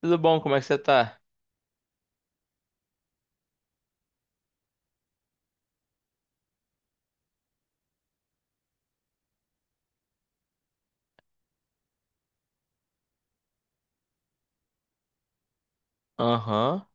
Tudo bom? Como é que você tá? Aham.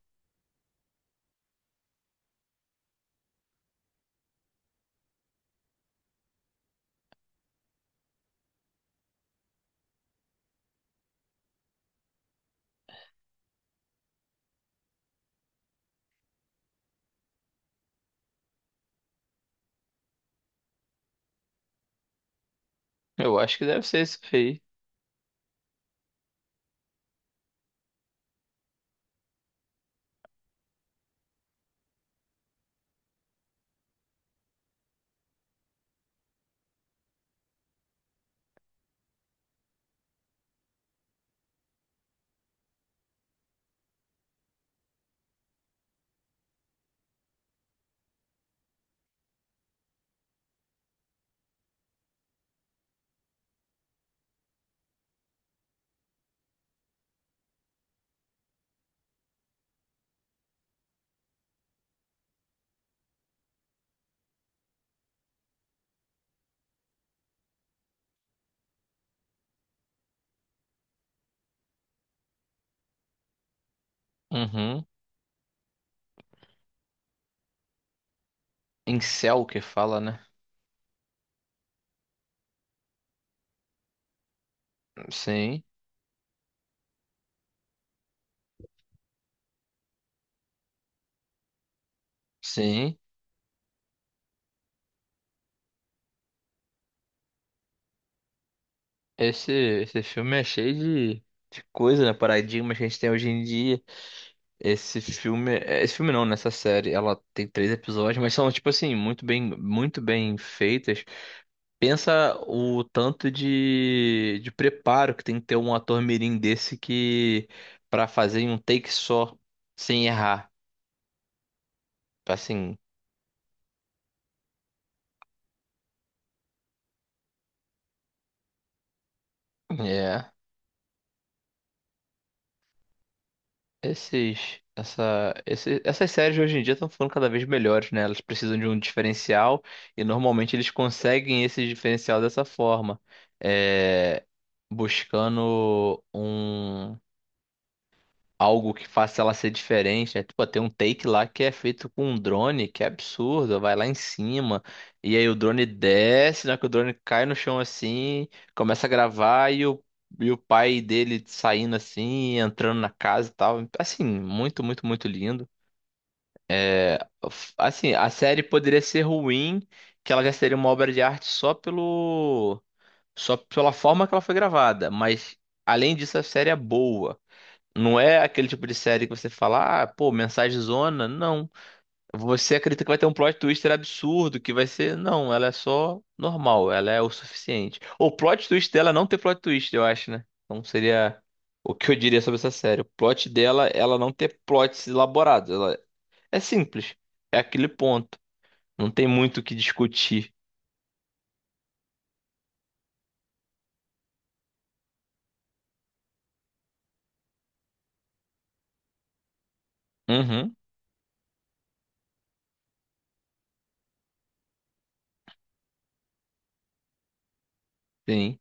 Eu acho que deve ser isso aí. Uhum. Incel que fala, né? Sim, sim. Esse filme é cheio de coisa, né? Paradigmas que a gente tem hoje em dia. Esse filme. É, Esse filme não, nessa série. Ela tem 3 episódios, mas são, tipo assim, muito bem feitas. Pensa o tanto de preparo que tem que ter um ator mirim desse que. Pra fazer em um take só, sem errar. Assim. É. Essas séries hoje em dia estão ficando cada vez melhores, né? Elas precisam de um diferencial e normalmente eles conseguem esse diferencial dessa forma, é, buscando um algo que faça ela ser diferente, né? Tipo, tem um take lá que é feito com um drone, que é absurdo, vai lá em cima, e aí o drone desce, na que o drone cai no chão assim, começa a gravar e o pai dele saindo assim, entrando na casa e tal. Assim, muito, muito, muito lindo. É, assim, a série poderia ser ruim, que ela já seria uma obra de arte só pela forma que ela foi gravada, mas além disso, a série é boa. Não é aquele tipo de série que você fala, ah, pô, mensagem zona. Não. Você acredita que vai ter um plot twister absurdo, que vai ser. Não, ela é só normal, ela é o suficiente. O plot twist dela é não ter plot twist, eu acho, né? Então seria o que eu diria sobre essa série. O plot dela, é ela não ter plots elaborados. Ela é simples. É aquele ponto. Não tem muito o que discutir. Uhum, sim.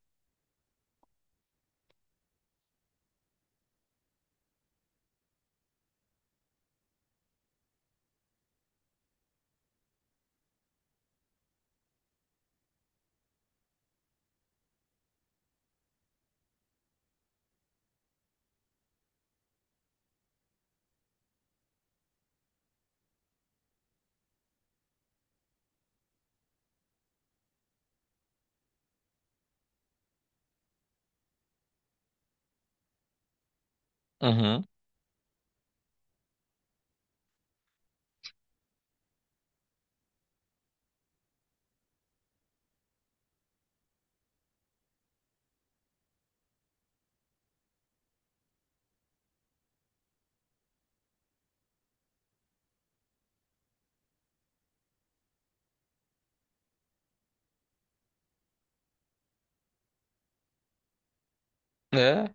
Uhum. É.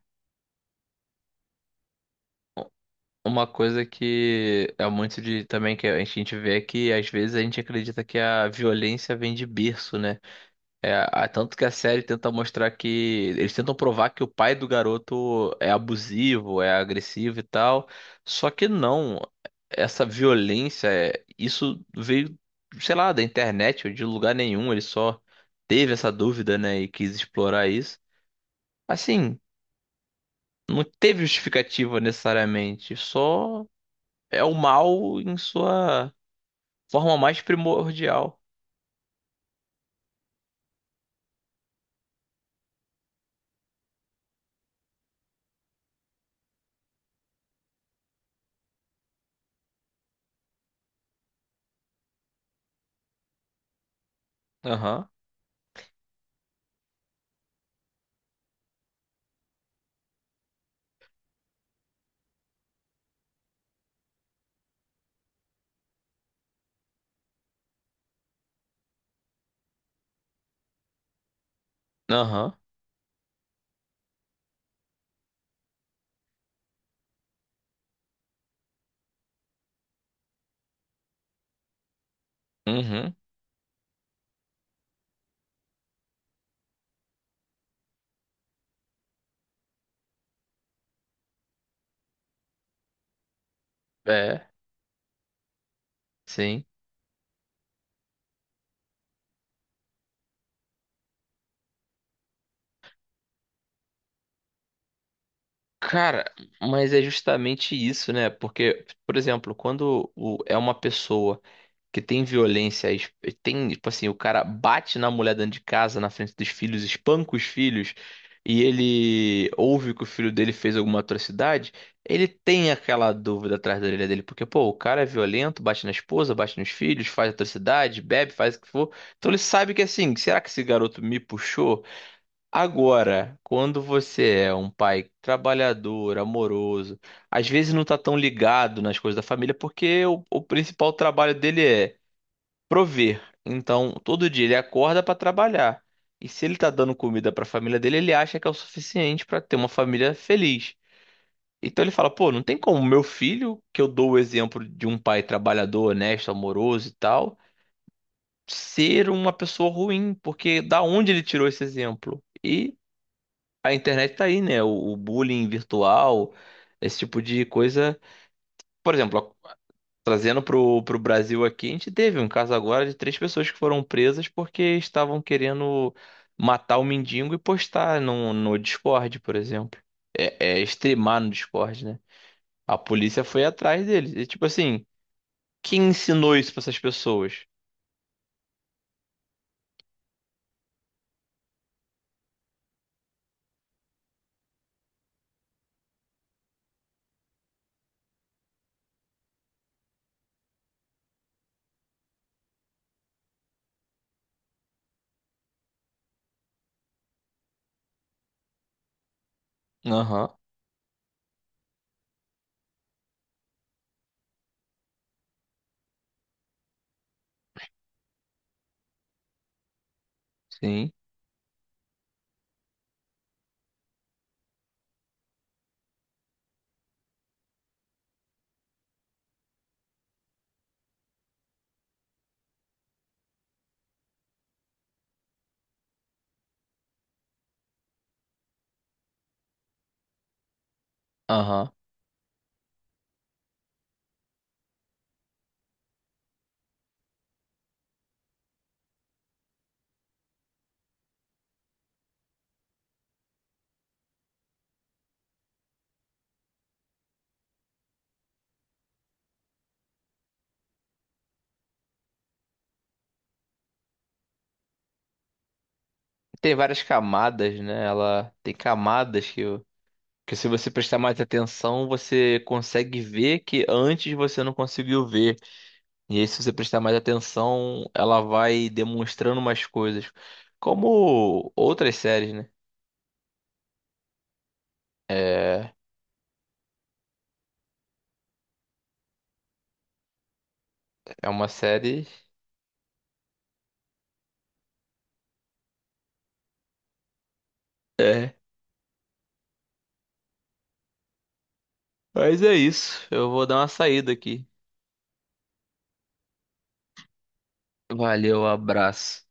Uma coisa que é muito de também que a gente vê é que às vezes a gente acredita que a violência vem de berço, né? É, tanto que a série tenta mostrar que eles tentam provar que o pai do garoto é abusivo, é agressivo e tal. Só que não, essa violência, isso veio, sei lá, da internet ou de lugar nenhum. Ele só teve essa dúvida, né, e quis explorar isso. Assim, não teve justificativa necessariamente, só é o mal em sua forma mais primordial. Aham, aham, uhum, é, sim. Cara, mas é justamente isso, né? Porque, por exemplo, é uma pessoa. Que tem violência, tem, tipo assim, o cara bate na mulher dentro de casa, na frente dos filhos, espanca os filhos, e ele ouve que o filho dele fez alguma atrocidade, ele tem aquela dúvida atrás da orelha dele, porque, pô, o cara é violento, bate na esposa, bate nos filhos, faz atrocidade, bebe, faz o que for. Então ele sabe que assim, será que esse garoto me puxou? Agora, quando você é um pai trabalhador, amoroso, às vezes não tá tão ligado nas coisas da família, porque o principal trabalho dele é prover. Então, todo dia ele acorda para trabalhar. E se ele tá dando comida para a família dele, ele acha que é o suficiente para ter uma família feliz. Então ele fala, pô, não tem como meu filho, que eu dou o exemplo de um pai trabalhador, honesto, amoroso e tal, ser uma pessoa ruim, porque da onde ele tirou esse exemplo? E a internet tá aí, né? O bullying virtual, esse tipo de coisa. Por exemplo, trazendo pro Brasil aqui, a gente teve um caso agora de 3 pessoas que foram presas porque estavam querendo matar o mendigo e postar no Discord, por exemplo. É, é streamar no Discord, né? A polícia foi atrás deles. E tipo assim, quem ensinou isso pra essas pessoas? Aham, sim, aham. Tem várias camadas, né? Ela tem camadas que se você prestar mais atenção, você consegue ver que antes você não conseguiu ver. E aí, se você prestar mais atenção, ela vai demonstrando umas coisas. Como outras séries, né? É, é uma série. É. Mas é isso. Eu vou dar uma saída aqui. Valeu, abraço.